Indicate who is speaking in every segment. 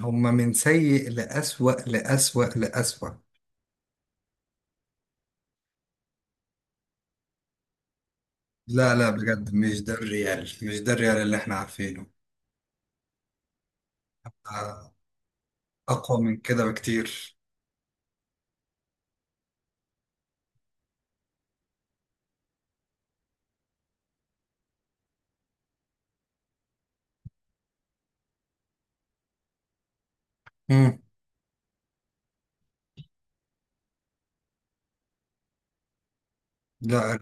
Speaker 1: هما من سيء لأسوأ لأسوأ لأسوأ. لا لا، بجد مش ده الريال، مش ده الريال اللي احنا عارفينه. آه، أقوى من كده بكتير. مم. لا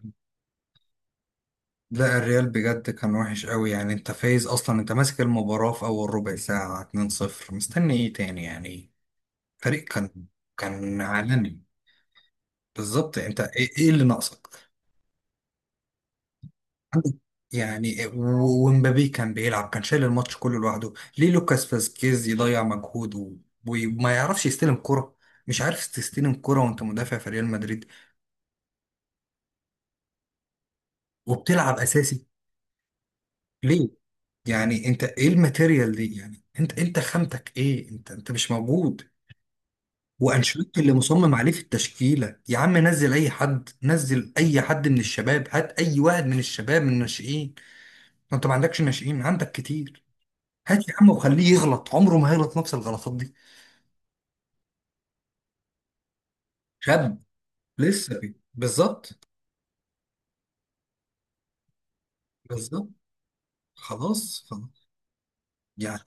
Speaker 1: لا، الريال بجد كان وحش قوي، يعني انت فايز اصلا، انت ماسك المباراة في اول ربع ساعة 2-0، مستني ايه تاني يعني؟ فريق كان، كان عالمي. بالظبط. انت ايه، اللي ناقصك؟ يعني ومبابي كان بيلعب، كان شايل الماتش كله لوحده. ليه لوكاس فاسكيز يضيع مجهود وما يعرفش يستلم كرة؟ مش عارف تستلم كرة وانت مدافع في ريال مدريد وبتلعب اساسي؟ ليه؟ يعني انت ايه الماتيريال دي؟ يعني انت خامتك ايه؟ انت مش موجود. وانشيلوتي اللي مصمم عليه في التشكيلة، يا عم نزل اي حد، نزل اي حد من الشباب، هات اي واحد من الشباب من الناشئين. ما انت ما عندكش ناشئين؟ عندك كتير. هات يا عم وخليه يغلط، عمره ما هيغلط نفس الغلطات دي. شاب لسه بالظبط. بالظبط. خلاص خلاص يعني.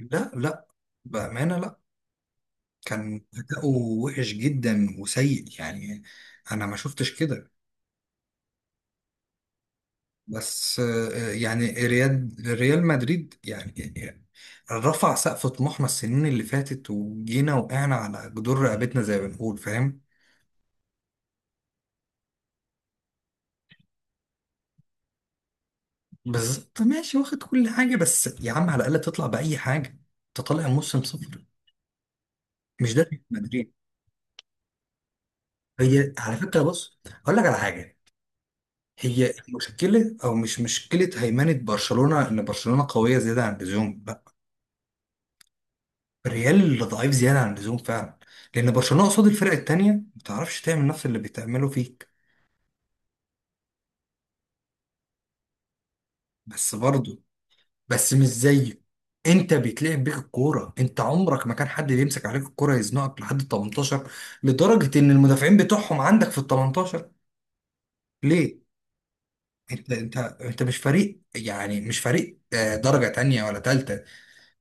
Speaker 1: لا لا، بأمانة لا. كان أداؤه وحش جدا وسيء يعني. أنا ما شفتش كده. بس يعني ريال، ريال مدريد يعني، يعني رفع سقف طموحنا السنين اللي فاتت، وجينا وقعنا على جدور رقبتنا زي ما بنقول، فاهم؟ بالظبط. ماشي واخد كل حاجة، بس يا عم على الأقل تطلع بأي حاجة. انت طالع موسم صفر؟ مش ده فكرة مدريد. هي على فكره بص، اقول لك على حاجه. هي مشكله او مش مشكله هيمنه برشلونه ان برشلونه قويه زياده عن اللزوم؟ لا، الريال اللي ضعيف زياده عن اللزوم فعلا. لان برشلونه قصاد الفرق التانيه ما بتعرفش تعمل نفس اللي بتعمله فيك. بس برضه، بس مش زيه. انت بيتلعب بيك الكوره، انت عمرك ما كان حد بيمسك عليك الكوره يزنقك لحد ال 18، لدرجه ان المدافعين بتوعهم عندك في ال 18. ليه؟ انت مش فريق، يعني مش فريق درجة تانية ولا تالتة،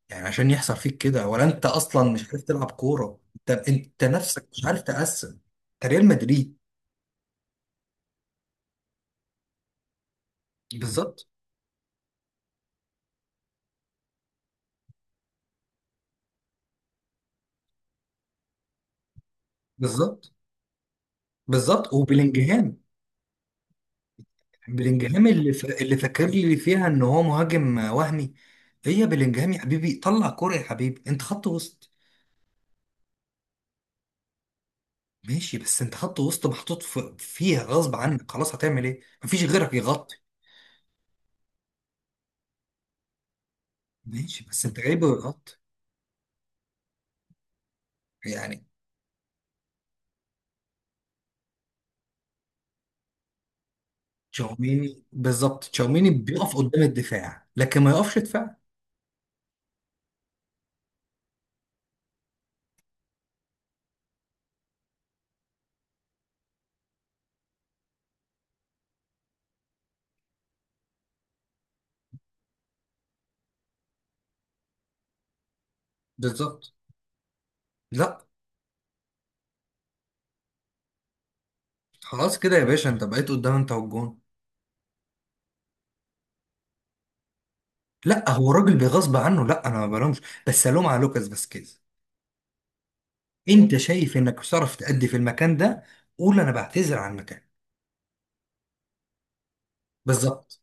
Speaker 1: يعني عشان يحصل فيك كده؟ ولا انت اصلا مش عارف تلعب كورة؟ انت نفسك مش عارف تقسم. انت ريال مدريد. بالظبط. بالظبط. بالظبط وبلينجهام. بلينجهام اللي فاكر لي فيها ان هو مهاجم وهمي. هي بلينجهام يا حبيبي طلع كورة، يا حبيبي انت خط وسط. ماشي بس انت خط وسط محطوط فيها غصب عنك، خلاص هتعمل ايه مفيش غيرك يغطي. ماشي بس انت جايبه يغطي يعني. تشاوميني بالظبط، تشاوميني بيقف قدام الدفاع لكن ما يقفش دفاع. بالظبط. لا خلاص كده يا باشا، انت بقيت قدام انت والجون. لا هو الراجل بغصب عنه، لا انا ما بلومش، بس الوم على لوكاس فاسكيز. انت شايف انك مش هتعرف تأدي في المكان ده، قول انا بعتذر عن المكان. بالظبط.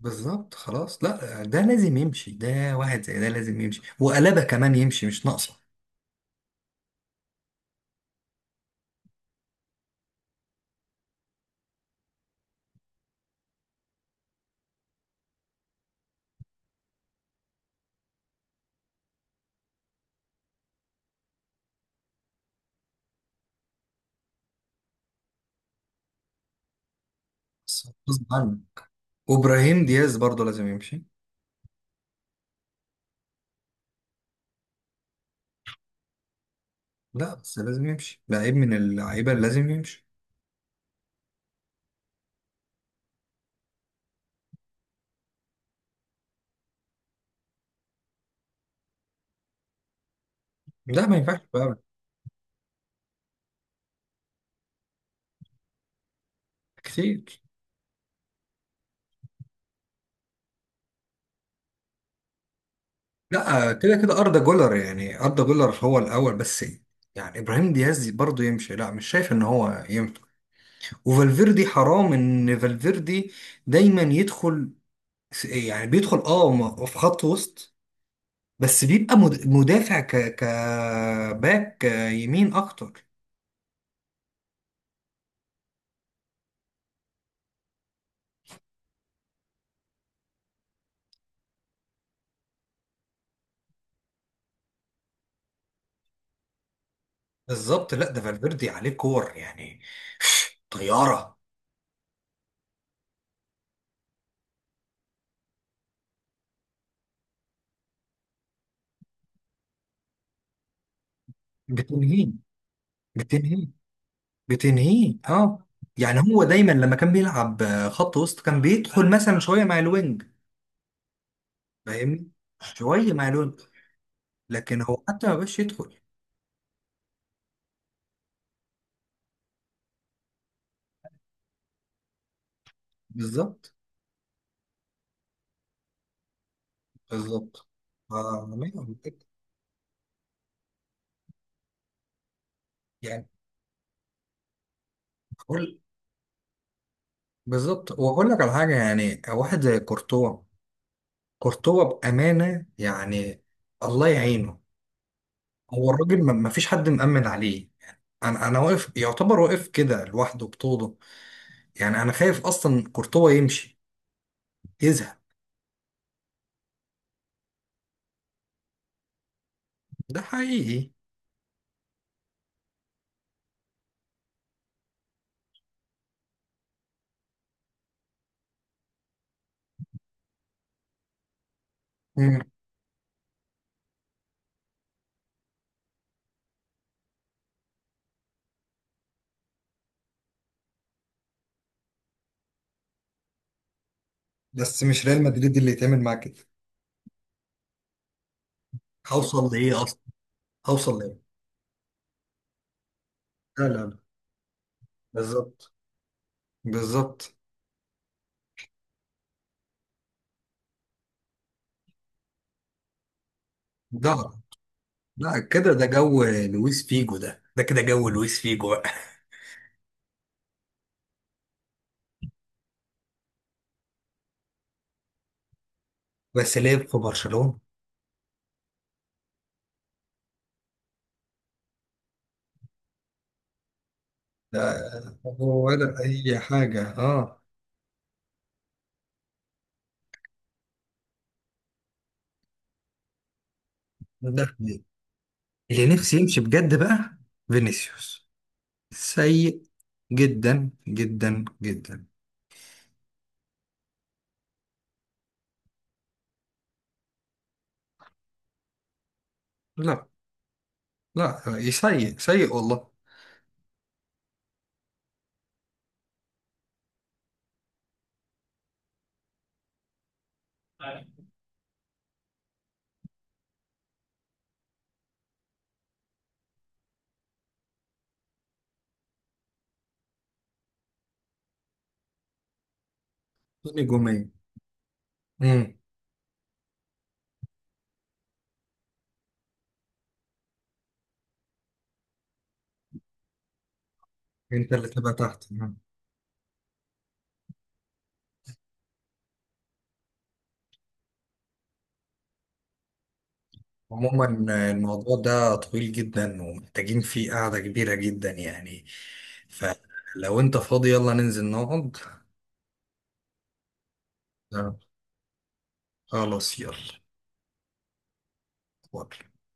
Speaker 1: بالظبط. خلاص لا ده لازم يمشي، ده واحد زي ده لازم يمشي وقلابه كمان يمشي، مش ناقصه. بس غصب عنه. وابراهيم دياز برضه لازم يمشي. لا بس لازم يمشي، لعيب من اللعيبه اللي لازم يمشي. لا ما ينفعش بقى. كتير. لا كده كده أردا جولر، يعني أردا جولر هو الأول بس. يعني إبراهيم دياز برضه يمشي، لا مش شايف إن هو ينفع. وفالفيردي، حرام إن فالفيردي دايما يدخل، يعني بيدخل في خط وسط، بس بيبقى مدافع كباك يمين أكتر. بالظبط. لا ده فالفيردي عليه كور يعني، طيارة. بتنهيه، بتنهيه، بتنهيه اه. يعني هو دايما لما كان بيلعب خط وسط كان بيدخل مثلا شويه مع الوينج، فاهمني؟ شويه مع الوينج، لكن هو حتى ما بقاش يدخل. بالظبط. بالظبط. آه. أيوة، بالظبط. يعني اقول. بالظبط واقول لك على حاجه، يعني واحد زي كورتوا، كورتوا بامانه يعني الله يعينه. هو الراجل ما فيش حد مأمن عليه، يعني انا واقف يعتبر، واقف كده لوحده بطوله. يعني انا خايف اصلا كورتوا يمشي، يزهق. ده حقيقي. مم. بس مش ريال مدريد اللي يتعمل معاه كده. هوصل لإيه أصلا؟ هوصل لإيه؟ لا لا لا. بالظبط. بالظبط. ده لا كده، ده جو لويس فيجو، ده كده جو لويس فيجو بقى. بس لعب في برشلونة. ده هو ولا أي حاجة اه. ده حقيقي. اللي نفسي يمشي بجد بقى، فينيسيوس. سيء جدا جدا جدا. لا لا، سيء سيء والله. نجومية. امم. انت اللي تبقى تحت. عموما الموضوع ده طويل جدا ومحتاجين فيه قعدة كبيرة جدا يعني. فلو انت فاضي يلا ننزل نقعد. آه، خلاص يلا. اتفضل.